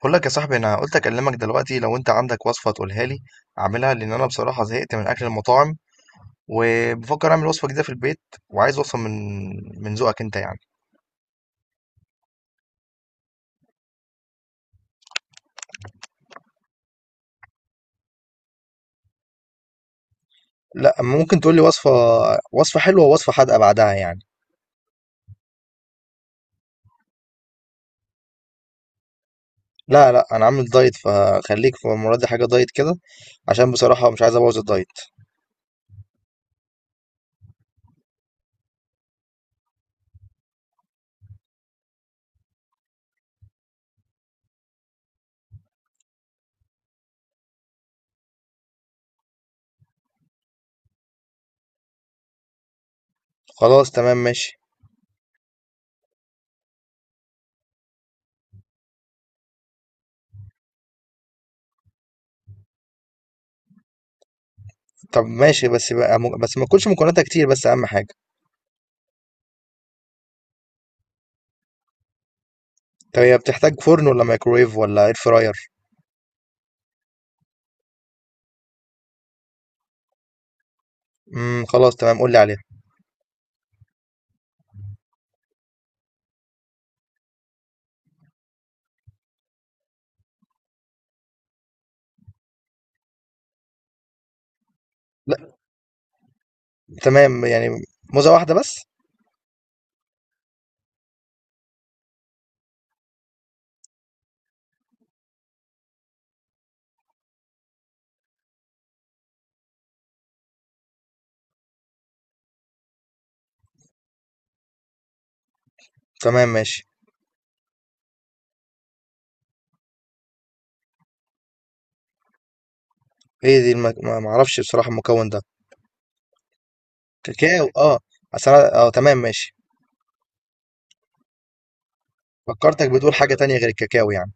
بقول لك يا صاحبي، انا قلت اكلمك دلوقتي لو انت عندك وصفه تقولها لي اعملها، لان انا بصراحه زهقت من اكل المطاعم، وبفكر اعمل وصفه جديده في البيت، وعايز وصفه من ذوقك انت يعني. لا، ممكن تقول لي وصفه حلوه ووصفه حادقه بعدها يعني. لا، لا، انا عامل دايت، فخليك في المره دي حاجه دايت كده، عشان بصراحه مش عايز ابوظ الدايت. خلاص تمام ماشي. طب ماشي، بس بقى بس ما تكونش مكوناتها كتير، بس اهم حاجه. طب هي بتحتاج فرن ولا مايكرويف ولا اير فراير؟ خلاص تمام، قول لي عليها. تمام، يعني موزة واحدة بس؟ تمام ماشي. ايه دي ما اعرفش بصراحة المكون ده؟ كاكاو، اه. تمام ماشي. فكرتك بتقول حاجة تانية غير الكاكاو يعني؟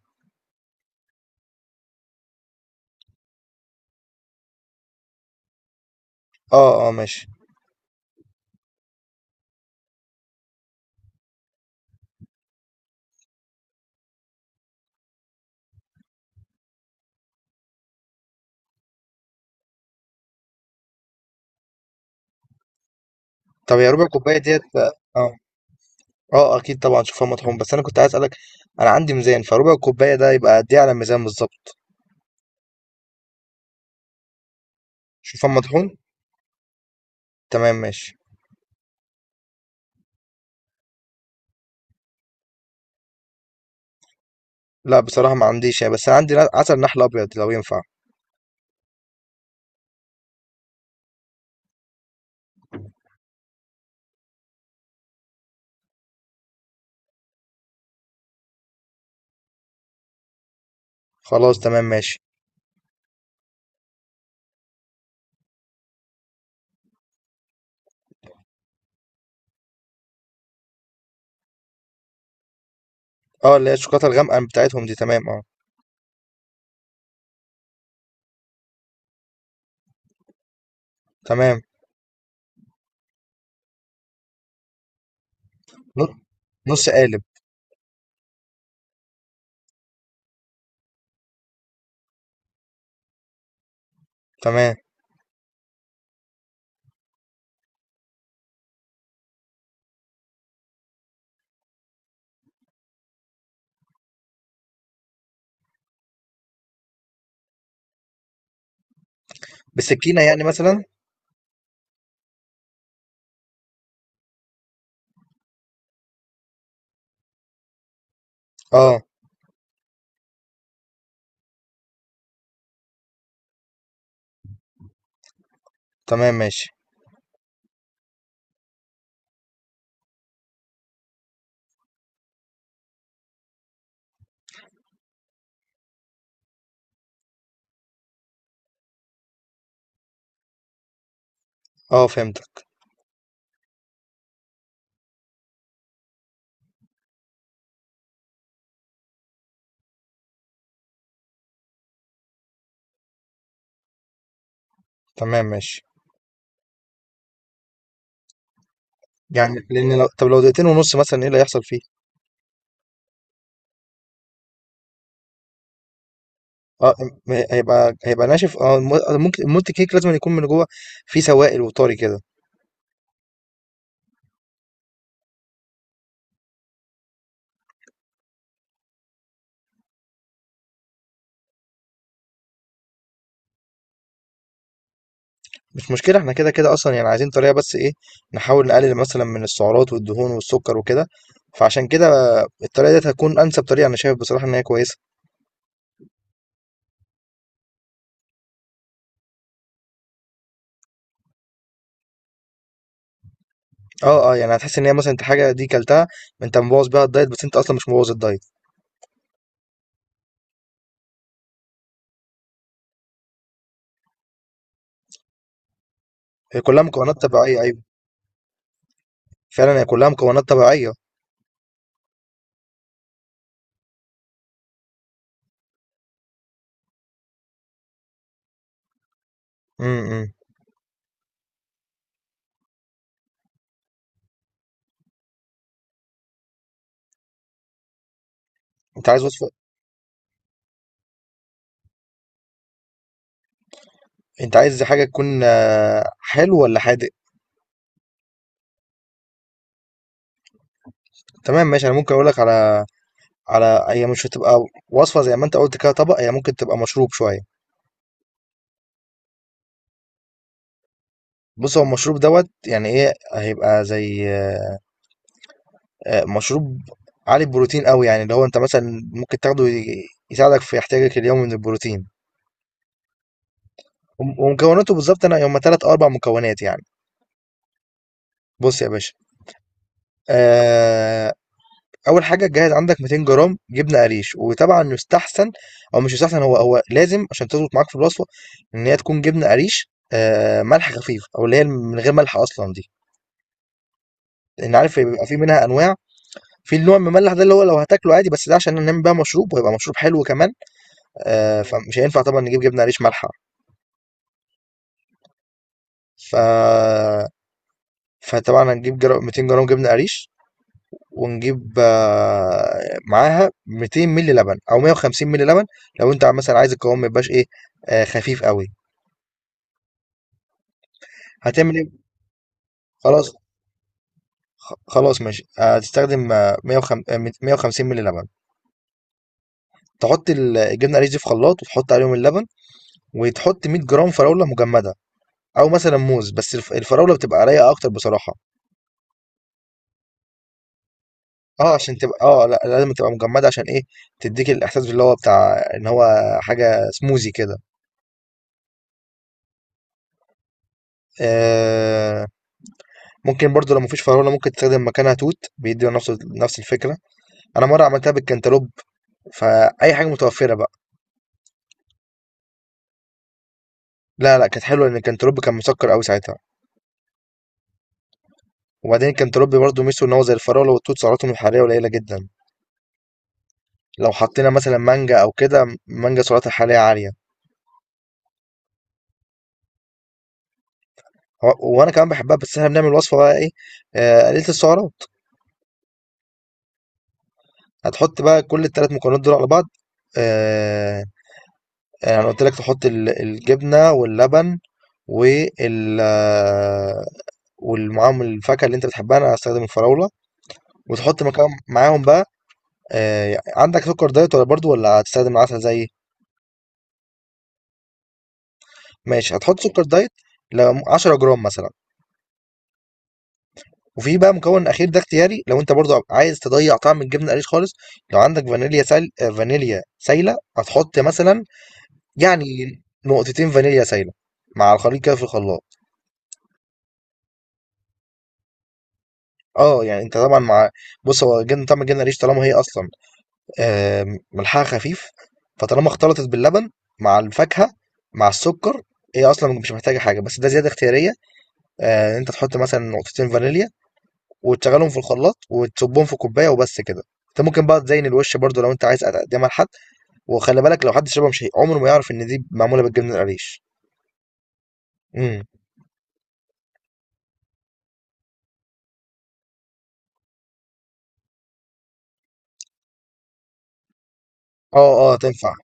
اه، اه، ماشي. طب، يا ربع كوباية ديت؟ اه. اه. آه، اكيد طبعا شوفان مطحون، بس انا كنت عايز اسألك. انا عندي ميزان، فربع كوباية ده يبقى قد ايه على الميزان بالظبط؟ شوفان مطحون. تمام ماشي. لا، بصراحة ما عنديش يعني، بس انا عندي عسل نحل ابيض لو ينفع. خلاص تمام ماشي. اه، اللي هي الشوكولاتة الغامقة بتاعتهم دي؟ تمام، اه. تمام. نص، نص قالب. تمام. بالسكينة، يعني مثلا؟ اه، تمام ماشي. اه، فهمتك. تمام ماشي. يعني لان لو دقيقتين ونص مثلا ايه اللي هيحصل فيه؟ اه. هيبقى ناشف، اه، ممكن المولت كيك لازم يكون من جوه، فيه سوائل وطري كده. مش مشكلة، احنا كده كده اصلا، يعني عايزين طريقة بس ايه، نحاول نقلل مثلا من السعرات والدهون والسكر وكده. فعشان كده الطريقة دي هتكون انسب طريقة، انا شايف بصراحة ان هي كويسة. اه، اه، يعني هتحس ان هي مثلا انت حاجة دي كلتها، انت مبوظ بيها الدايت، بس انت اصلا مش مبوظ الدايت. هي كلها مكونات طبيعية، ايوه. فعلًا هي كلّها مكونات طبيعية. إمم، إمم. أنت عايز وصفة؟ أنت عايز حاجة تكون حلو والّا حادق؟ تمام ماشي، أنا ممكن أقول لك على هي مش هتبقى وصفة زي ما أنت قُلت كده طبق، هي ممكن تبقى مشروب شوية. بُص، هو المشروب دوّة يعني إيه، هيبقى زي مشروب عالي البروتين أوي، يعني اللي هو أنت مثلًا ممكن تاخده يساعدك في احتياجك اليومي من البروتين، ومكوناته بالضبط أنا هُم 3 أو 4 مكونات يعني. بُص يا باشا، آآ اول حاجه جهز عندك 200 جرام جبنه قريش، وطبعا يستحسن، او مش يستحسن، هو لازم عشان تظبط معاك في الوصفه ان هي تكون جبنه قريش ملح خفيف، او اللي هي من غير ملح اصلا دي، لان عارف بيبقى في منها انواع، في النوع المملح ده اللي هو لو هتاكله عادي، بس ده عشان نعمل بقى مشروب، وهيبقى مشروب حلو كمان. فمش هينفع طبعا نجيب جبنه قريش مالحه. ف فطبعا هنجيب 200 جرام جبنه قريش، ونجيب معاها 200 مللي لبن او 150 مللي لبن، لو انت مثلا عايز القوام ما يبقاش ايه، خفيف قوي. هتعمل ايه؟ خلاص، خلاص ماشي، هتستخدم 150 150 مللي لبن. تحط الجبنه القريش دي في خلاط، وتحط عليهم اللبن، وتحط 100 جرام فراوله مجمده، او مثلا موز، بس الفراوله بتبقى رايقه اكتر بصراحه. اه، عشان تبقى، لا، لازم تبقى مجمده، عشان ايه، تديك الاحساس اللي هو بتاع ان هو حاجه سموزي كده. آه. ممكن برضو لو مفيش فراولة ممكن تستخدم مكانها توت بيدي، نفس الفكرة. أنا مرة عملتها بالكنتالوب، فأي حاجة متوفرة بقى. لا، لا، كانت حلوة لأن الكنتالوب كان مسكر أوي ساعتها. وبعدين الكنتالوب برضو ميزته إن هو زي الفراولة والتوت سعراتهم الحرارية قليلة جدا. لو حطينا مثلا مانجا أو كده، مانجا سعراتها الحرارية عالية. وأنا كمان بحبها، بس إحنا بنعمل وصفة بقى إيه، قليلة السعرات. هتحط بقى كل التلات مكونات دول على بعض، آه، أنا قلت لك تحط الجبنة واللبن، وال ومعاهم الفاكهه اللي انت بتحبها، انا هستخدم الفراوله، وتحط مكان معاهم بقى. عندك سكر دايت، ولا برضو ولا هتستخدم العسل زيي؟ ماشي، هتحط سكر دايت، ل 10 جرام مثلا. وفي بقى مكون اخير ده اختياري، لو انت برضو عايز تضيع طعم الجبنه القريش خالص، لو عندك فانيليا سال آه، فانيليا سايله هتحط مثلا، يعني نقطتين فانيليا سايله، مع الخليط كده في الخلاط. اه، يعني انت طبعا بص، هو جبنه، طعم الجبنه القريش طالما هي اصلا، آآ ملحها خفيف، فطالما اختلطت باللبن، مع الفاكهة، مع السكر، هي أصلًا مش محتاجة حاجة، بس ده زيادة اختيارية، إن أنت تحط مثلًا نقطتين فانيليا، وتشغلهم في الخلاط، وتصبهم في كوباية، وبس كده. أنت ممكن بقى تزين الوش برضه لو أنت عايز تقدمها لحد، وخلي بالك لو حد شربها مش هي عمره ما يعرف إن دي معمولة بالجبنة القريش. إمم. آه، آه، هتنفع.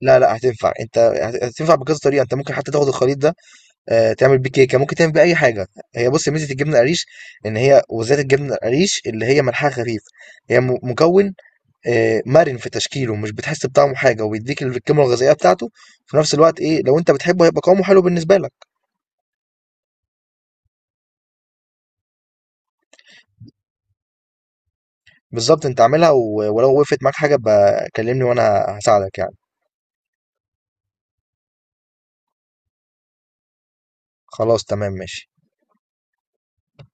لا، لأ، هتنفع. أنت هتنفع بكذا طريقة، أنت ممكن حتى تاخد الخليط ده، تعمل بيه كيكه، ممكن تعمل بيه اي حاجه. هي، بص، ميزه الجبنه القريش ان هي، وذات الجبنه القريش اللي هي ملحها خفيف، هي مكون مرن في تشكيله، مش بتحس بطعمه حاجه، وبيديك القيمه الغذائيه بتاعته في نفس الوقت ايه، لو انت بتحبه هيبقى قوامه حلو بالنسبه لك. بالظبط انت عاملها، ولو وقفت معاك حاجه بقى كلمني، وانا هساعدك يعني. خلاص تمام ماشي.